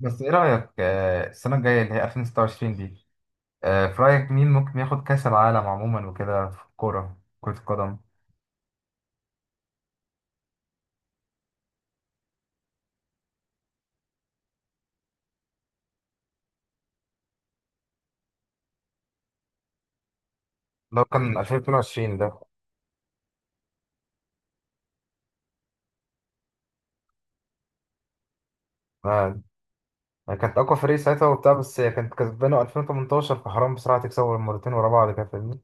بس ايه رأيك السنة الجاية اللي هي 2026 دي. في رأيك مين ممكن ياخد كأس العالم عموما وكده في الكورة كرة القدم؟ لو كان 2022 ده. آه. يعني كانت اقوى فريق ساعتها وبتاع، بس هي كانت كسبانه 2018 فحرام بسرعه تكسبوا مرتين ورا بعض كده فاهمني.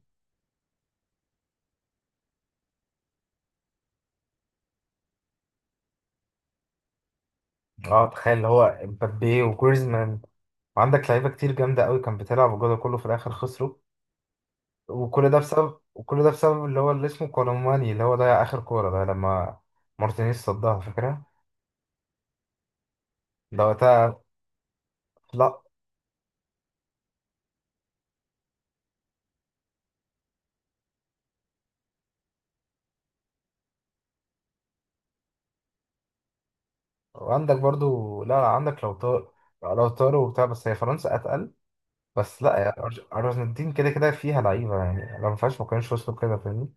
اه تخيل اللي هو مبابي وجريزمان، وعندك لعيبه كتير جامده قوي كانت بتلعب وجوده كله، في الاخر خسروا. وكل ده بسبب اللي هو اللي اسمه كولوماني اللي هو ضيع اخر كوره ده لما مارتينيز صدها، فاكرها؟ ده وقتها. لا وعندك برضو، لا عندك، لو طاروا وبتاع، بس هي فرنسا اتقل. بس لا يا ارجنتين كده كده فيها لعيبه يعني، لو ما فيهاش ما كانوش وصلوا كده فاهمني.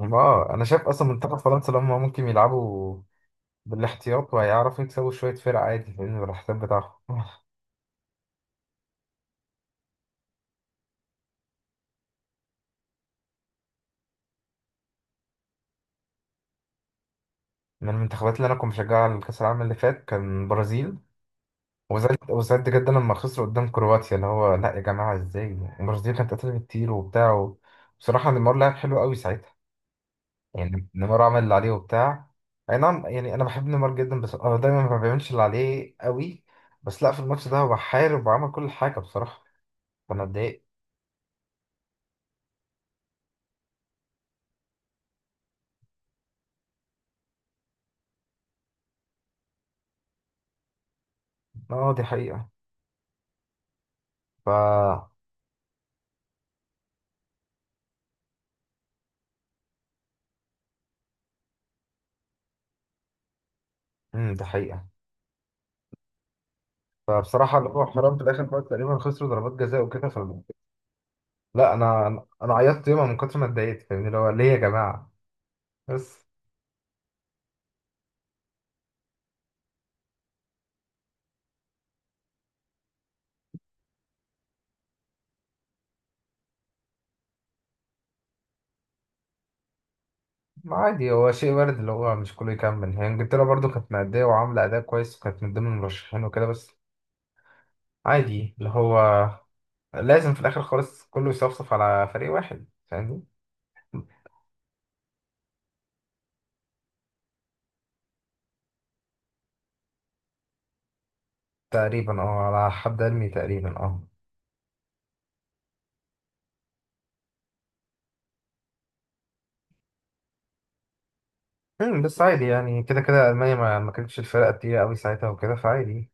اه انا شايف اصلا منتخب فرنسا لما ممكن يلعبوا بالاحتياط وهيعرفوا يكسبوا شويه فرق عادي فاهمني، بالاحتياط بتاعهم. من المنتخبات اللي كنت بشجعها على كاس العالم اللي فات كان البرازيل، وزعلت، وزعلت جدا لما خسروا قدام كرواتيا اللي هو لا يا جماعه ازاي. البرازيل كانت قتلت كتير وبتاع. بصراحه نيمار لعب حلو قوي ساعتها، يعني نيمار عمل اللي عليه وبتاع. اي نعم يعني انا بحب نيمار جدا، بس هو دايما ما بيعملش اللي عليه قوي، بس لا في الماتش ده هو حارب وعمل كل حاجه بصراحه، فانا اتضايقت. اه دي حقيقه، ف دي حقيقه. فبصراحه اللي هو حرام في الاخر خالص، تقريبا خسروا ضربات جزاء وكده، ف لا انا انا أنا عيطت يومها من كتر ما اتضايقت فاهمني، اللي هو ليه يا جماعه؟ بس. ما عادي هو شيء وارد اللي هو مش كله يكمل. هي انجلترا برضو كانت مأدية وعاملة أداء كويس وكانت من ضمن المرشحين وكده، بس عادي اللي هو لازم في الاخر خالص كله يصفصف على فريق واحد فاهمني. تقريبا اه، على حد علمي تقريبا اه. بس عادي يعني كده كده المانيا ما كانتش الفرقه التقيله قوي ساعتها وكده، فعادي.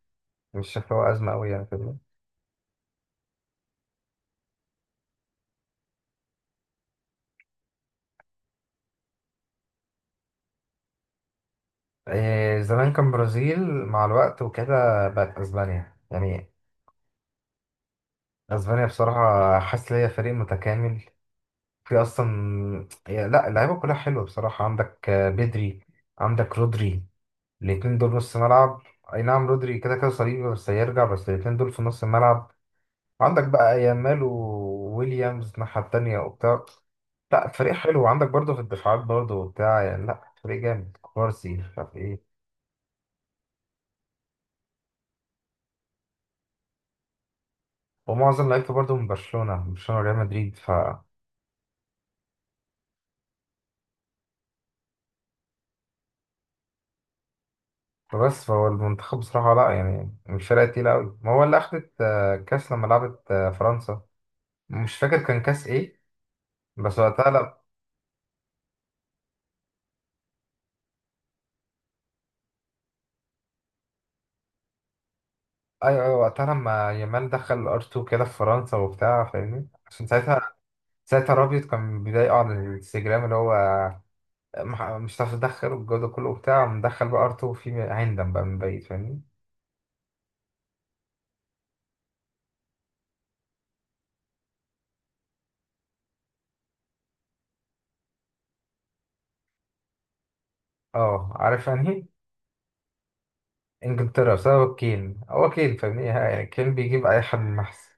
مش شايف هو ازمه قوي يعني فاهمني. إيه، زمان كان برازيل، مع الوقت وكده بقت اسبانيا يعني. اسبانيا بصراحه حاسس ان هي فريق متكامل. في اصلا لا اللعيبه كلها حلوه بصراحه، عندك بدري، عندك رودري، الاتنين دول نص ملعب. اي نعم رودري كده كده صليبي، بس هيرجع، بس الاتنين دول في نص الملعب. عندك بقى يامال وويليامز الناحية التانية وبتاع. لا فريق حلو، وعندك برضه في الدفاعات برضه وبتاع، يعني لا فريق جامد، كوارسي مش عارف ايه. ومعظم لعيبته برضه من برشلونة، من برشلونة وريال مدريد، ف فهو المنتخب بصراحة لا يعني مش فرقة تقيلة أوي، ما هو اللي أخدت كأس لما لعبت فرنسا، مش فاكر كان كأس إيه، بس وقتها لا. ايوه ايوه وقتها لما يامال دخل ار 2 كده في فرنسا وبتاع فاهمني، عشان ساعتها، ساعتها رابيوت كان بيضايقه على الانستجرام اللي هو مش هتعرف تدخل والجو ده كله وبتاع، مدخل بقى ار 2 في هندم بقى من بعيد فاهمني. اه عارف يعني إيه؟ انجلترا بسبب كين، هو كين فاهمني، يعني كين بيجيب اي حد من محسن.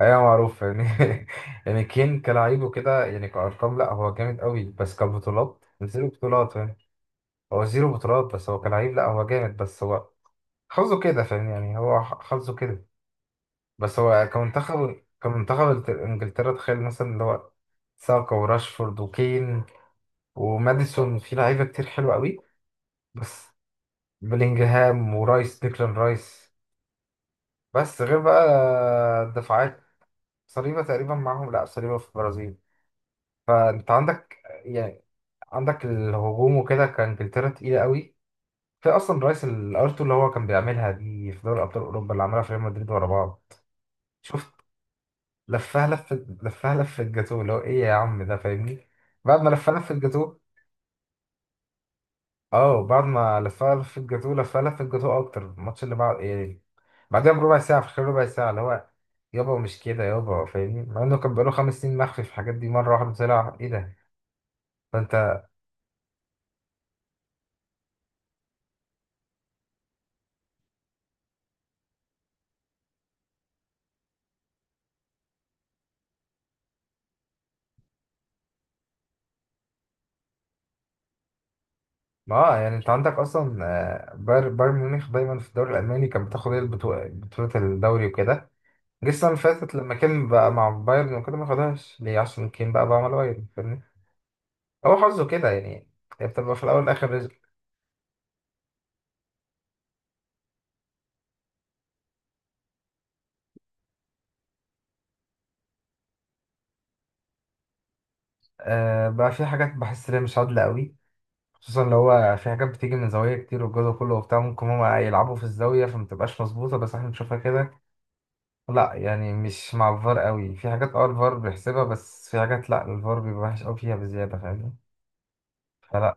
ايوه معروف فاهمني. يعني كين كلاعب وكده يعني كارقام لا هو جامد قوي، بس كبطولات زيرو بطولات فاهم. هو زيرو بطولات، بس هو كلاعب لا هو جامد، بس هو حظه كده فاهم، يعني هو حظه كده. بس هو كمنتخب، كمنتخب انجلترا، تخيل مثلا اللي هو ساكا وراشفورد وكين وماديسون، في لعيبة كتير حلوة قوي. بس بلينجهام ورايس، ديكلان رايس. بس غير بقى الدفاعات، صليبة تقريبا معاهم، لا صليبة في البرازيل. فانت عندك يعني، عندك الهجوم وكده كانجلترا تقيلة قوي. في اصلا رايس الارتو اللي هو كان بيعملها دي في دوري ابطال اوروبا، اللي عملها في ريال مدريد ورا بعض. شفت، لفها لفة الجاتوه اللي هو ايه يا عم ده فاهمني. بعد ما لفها لفة الجاتوه. اه بعد ما لفها لفة الجاتوه، لفها لفة الجاتوه اكتر الماتش اللي بعد ايه، بعدها بربع ساعة، في خلال ربع ساعة اللي هو يابا مش كده يابا فاهمني، مع انه كان بقاله 5 سنين مخفي في الحاجات دي، مرة واحدة طلع ايه ده. فانت. ما آه يعني انت عندك اصلا باير بايرن ميونخ دايما في الدوري الالماني كان بتاخد هي بطولة الدوري وكده. جه السنة اللي فاتت لما كان بقى مع بايرن وكده، ما خدهاش ليه؟ عشان كان بقى بعمل بايرن فاهمني؟ هو حظه كده يعني، هي بتبقى في الاول والاخر رزق. آه بقى في حاجات بحس ان هي مش عادله قوي، خصوصا لو هو في حاجات بتيجي من زوايا كتير والجو ده كله وبتاع، ممكن هما يلعبوا في الزاويه فمتبقاش مظبوطه بس احنا بنشوفها كده. لا يعني مش مع الفار قوي في حاجات، اه الفار بيحسبها، بس في حاجات لا الفار بيبقى وحش قوي فيها بزياده فاهمني. فلا.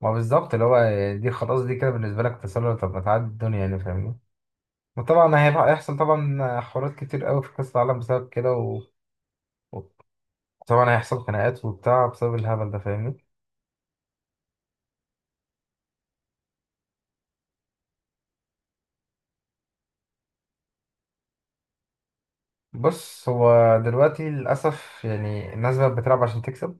ما بالظبط اللي هو دي خلاص، دي كده بالنسبه لك تسلل؟ طب ما تعدي الدنيا يعني فاهمني. وطبعا هيبقى، هيحصل طبعا حوارات كتير قوي في كاس العالم بسبب كده و... طبعا هيحصل خناقات وبتاع بسبب الهبل ده فاهمني. بص، هو دلوقتي للأسف يعني الناس بقت بتلعب عشان تكسب،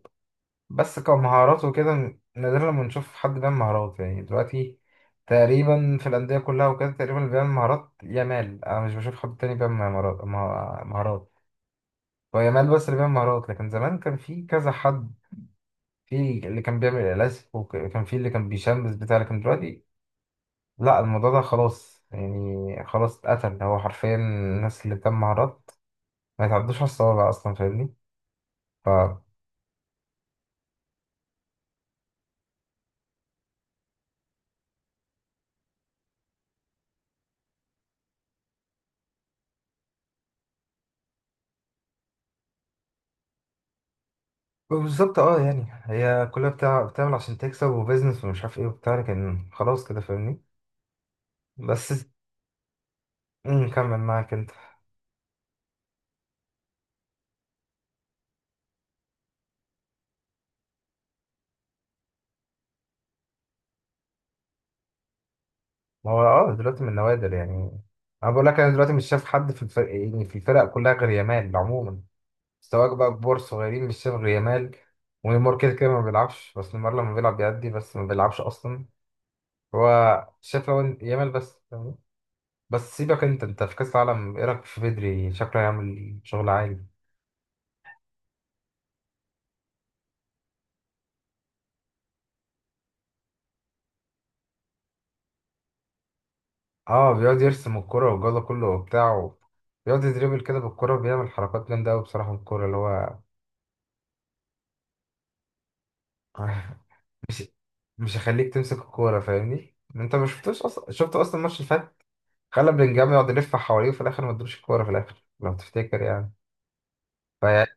بس كمهارات وكده نادرا لما نشوف حد بيعمل مهارات يعني. دلوقتي تقريبا في الأندية كلها وكده، تقريبا اللي بيعمل مهارات يامال، أنا مش بشوف حد تاني بيعمل مهارات، مهارات. هو يامال بس اللي بيعمل مهارات، لكن زمان كان في كذا حد، في اللي كان بيعمل لاسك، وكان في اللي كان بيشمس بتاع. لكن دلوقتي لا، الموضوع ده خلاص يعني، خلاص اتقتل. هو حرفيا الناس اللي بتعمل مهارات ما يتعدوش على الصوابع اصلا فاهمني. ف بالظبط اه يعني، هي كلها بتاع بتعمل عشان تكسب وبيزنس ومش عارف ايه وبتاع، لكن خلاص كده فاهمني. بس. كمل معاك انت. ما هو اه دلوقتي من نوادر يعني، انا بقول لك انا دلوقتي مش شايف حد في الفرق، يعني في الفرق كلها غير يامال عموما، سواء بقى كبار صغيرين مش شايف غير يامال. ونيمار كده كده ما بيلعبش، بس نيمار لما بيلعب بيأدي، بس ما بيلعبش اصلا هو. شايف لو يامال بس فاهمني؟ بس سيبك انت، انت في كاس العالم ايه رايك في بدري؟ شكله هيعمل شغل عالي. اه بيقعد يرسم الكرة والجولة كله وبتاع، و- بيقعد يدريبل كده بالكرة، بيعمل حركات جامدة أوي بصراحة بالكرة اللي هو. مش مش هيخليك تمسك الكورة فاهمني؟ انت ما شفتوش اصلا، شفت اصلا الماتش اللي فات، خلى بلينجهام يقعد يلف حواليه وفي الاخر ما ادوش الكورة في الاخر لو تفتكر يعني. فيعني،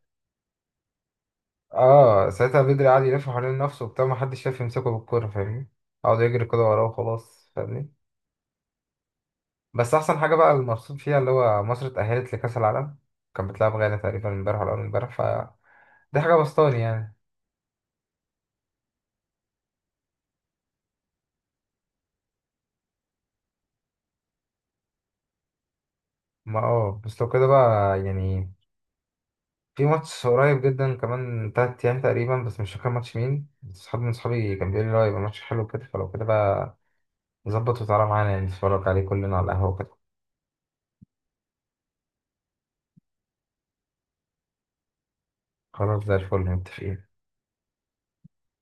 اه ساعتها بدري قعد يلف حوالين نفسه وبتاع، ما حدش شايف يمسكه بالكورة فاهمني؟ قعد يجري كده وراه وخلاص فاهمني؟ بس احسن حاجة بقى المبسوط فيها اللي هو مصر اتأهلت لكأس العالم. كانت بتلعب غانا تقريبا امبارح ولا اول امبارح، ف دي حاجة بسطاني يعني. ما اه بس لو كده بقى، يعني في ماتش قريب جدا كمان 3 أيام تقريبا، بس مش فاكر ماتش مين، بس صحاب من صحابي كان بيقول لي لا يبقى ماتش حلو كده، فلو كده بقى نظبط وتعالى معانا، يعني نتفرج عليه كلنا على القهوة كده. خلاص زي الفل متفقين.